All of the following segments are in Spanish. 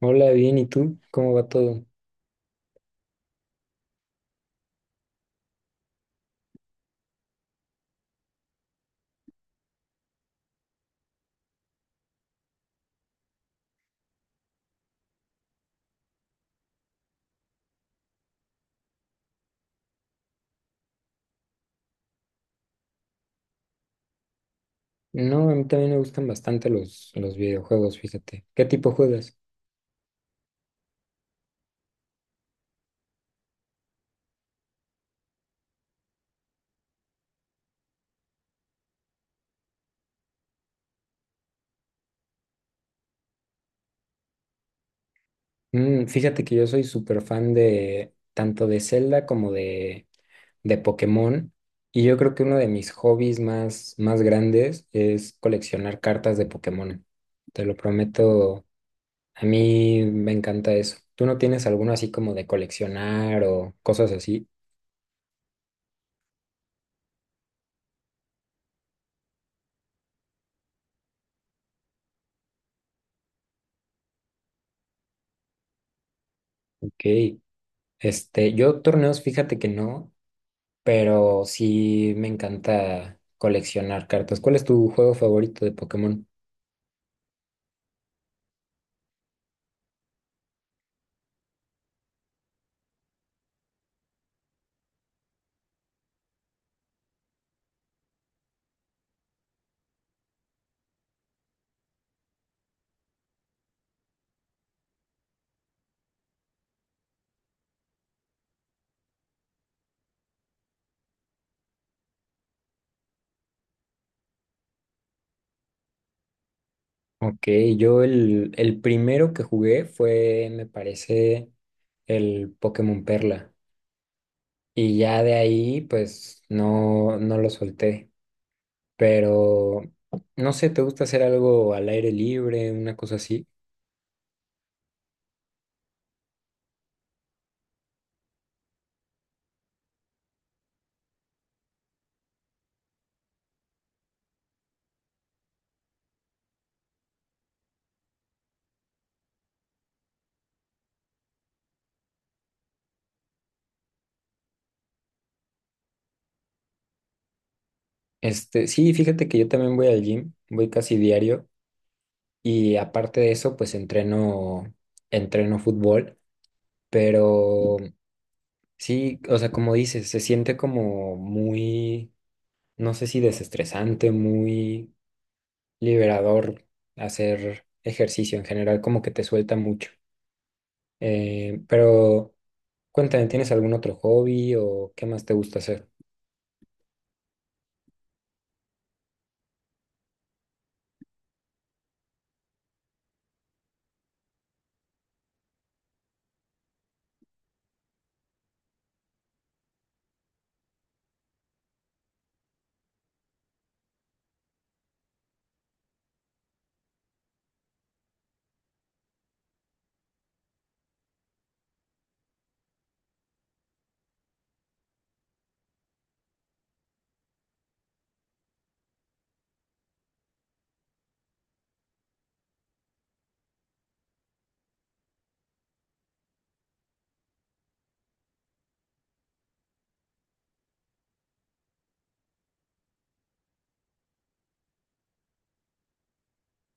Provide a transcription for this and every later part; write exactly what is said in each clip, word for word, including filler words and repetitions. Hola, bien, ¿y tú? ¿Cómo va todo? No, a mí también me gustan bastante los, los videojuegos, fíjate. ¿Qué tipo juegas? Mm, fíjate que yo soy súper fan de tanto de Zelda como de, de Pokémon. Y yo creo que uno de mis hobbies más, más grandes es coleccionar cartas de Pokémon. Te lo prometo, a mí me encanta eso. ¿Tú no tienes alguno así como de coleccionar o cosas así? Ok. Este, yo torneos, fíjate que no. Pero sí me encanta coleccionar cartas. ¿Cuál es tu juego favorito de Pokémon? Ok, yo el, el primero que jugué fue, me parece, el Pokémon Perla. Y ya de ahí, pues, no, no lo solté. Pero, no sé, ¿te gusta hacer algo al aire libre, una cosa así? Este, sí, fíjate que yo también voy al gym, voy casi diario. Y aparte de eso, pues entreno, entreno fútbol. Pero sí, o sea, como dices, se siente como muy, no sé si desestresante, muy liberador hacer ejercicio en general, como que te suelta mucho. Eh, pero cuéntame, ¿tienes algún otro hobby o qué más te gusta hacer?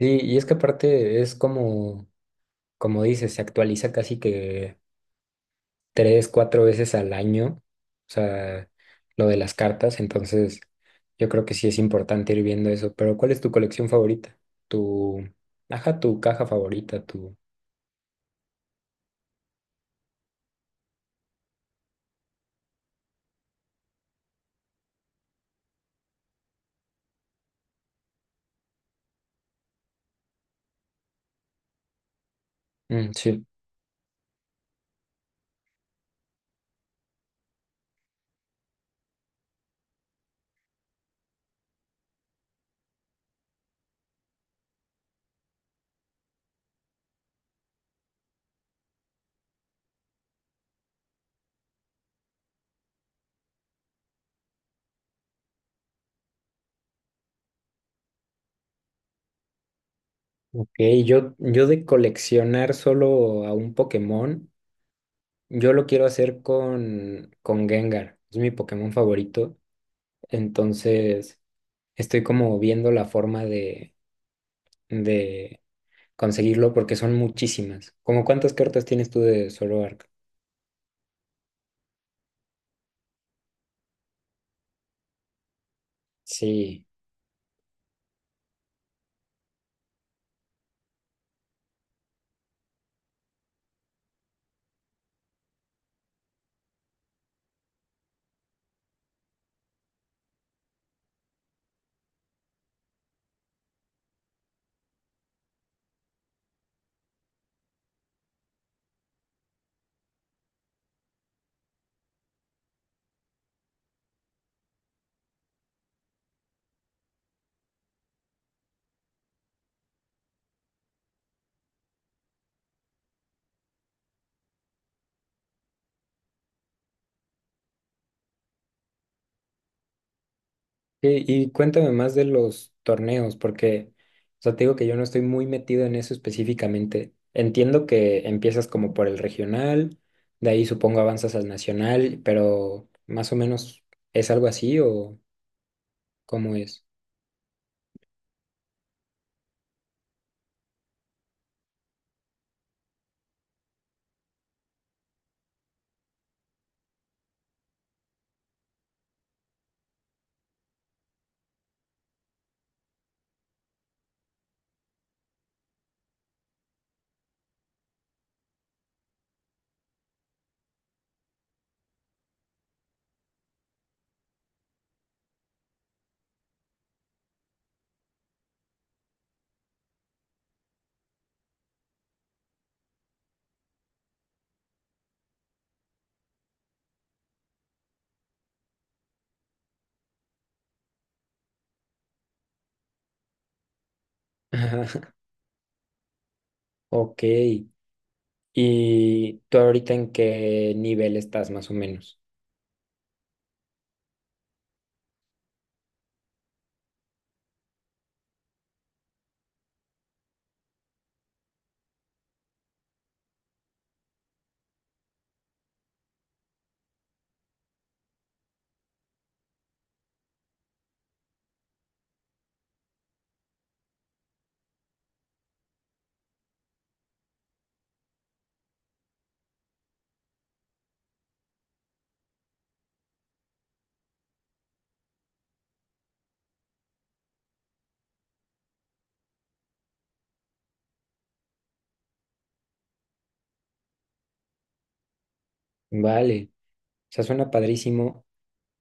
Sí, y es que aparte es como, como dices, se actualiza casi que tres, cuatro veces al año, o sea, lo de las cartas, entonces yo creo que sí es importante ir viendo eso, pero ¿cuál es tu colección favorita? Tu, ajá, tu caja favorita, tu... Mm, sí, ok, yo, yo de coleccionar solo a un Pokémon, yo lo quiero hacer con, con Gengar, es mi Pokémon favorito, entonces estoy como viendo la forma de, de conseguirlo porque son muchísimas. ¿Cómo cuántas cartas tienes tú de Zoroark? Sí, y, y cuéntame más de los torneos, porque, o sea, te digo que yo no estoy muy metido en eso específicamente. Entiendo que empiezas como por el regional, de ahí supongo avanzas al nacional, pero más o menos es algo así o cómo es. Ajá, ok, ¿y tú ahorita en qué nivel estás más o menos? Vale, o sea, suena padrísimo,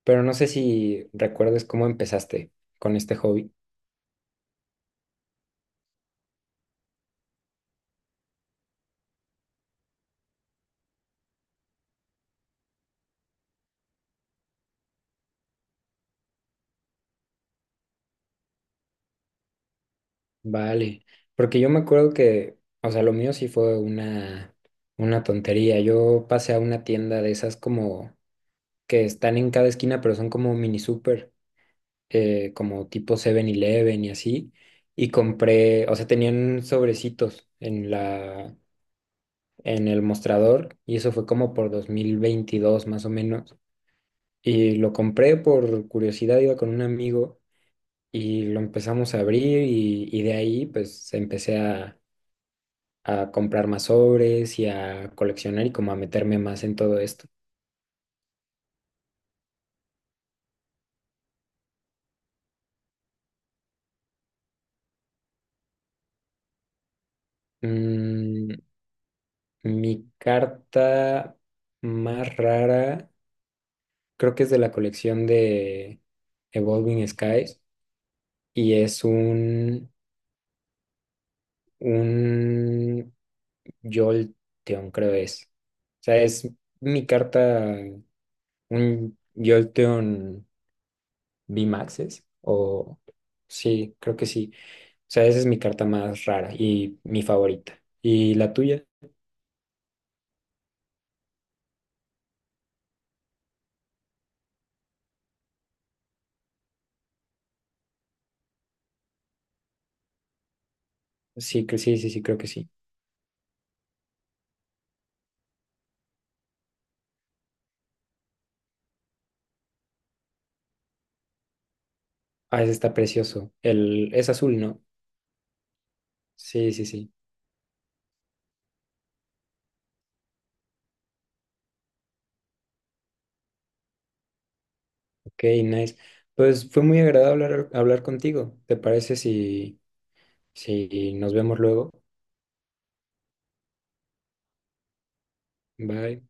pero no sé si recuerdes cómo empezaste con este hobby. Vale, porque yo me acuerdo que, o sea, lo mío sí fue una, una tontería. Yo pasé a una tienda de esas como que están en cada esquina, pero son como mini super, eh, como tipo Seven eleven y así. Y compré, o sea, tenían sobrecitos en la, en el mostrador y eso fue como por dos mil veintidós más o menos. Y lo compré por curiosidad, iba con un amigo y lo empezamos a abrir y, y de ahí pues empecé a a comprar más sobres y a coleccionar y como a meterme más en todo esto. Mm, mi carta más rara creo que es de la colección de Evolving Skies y es un, un Jolteon, creo es. O sea, es mi carta, un Jolteon V-Maxes o sí, creo que sí. Sea, esa es mi carta más rara y mi favorita. ¿Y la tuya? Sí, que sí, sí, sí, creo que sí. Ah, ese está precioso. El, es azul, ¿no? Sí, sí, sí. Ok, nice. Pues fue muy agradable hablar, hablar contigo. ¿Te parece si, si nos vemos luego? Bye.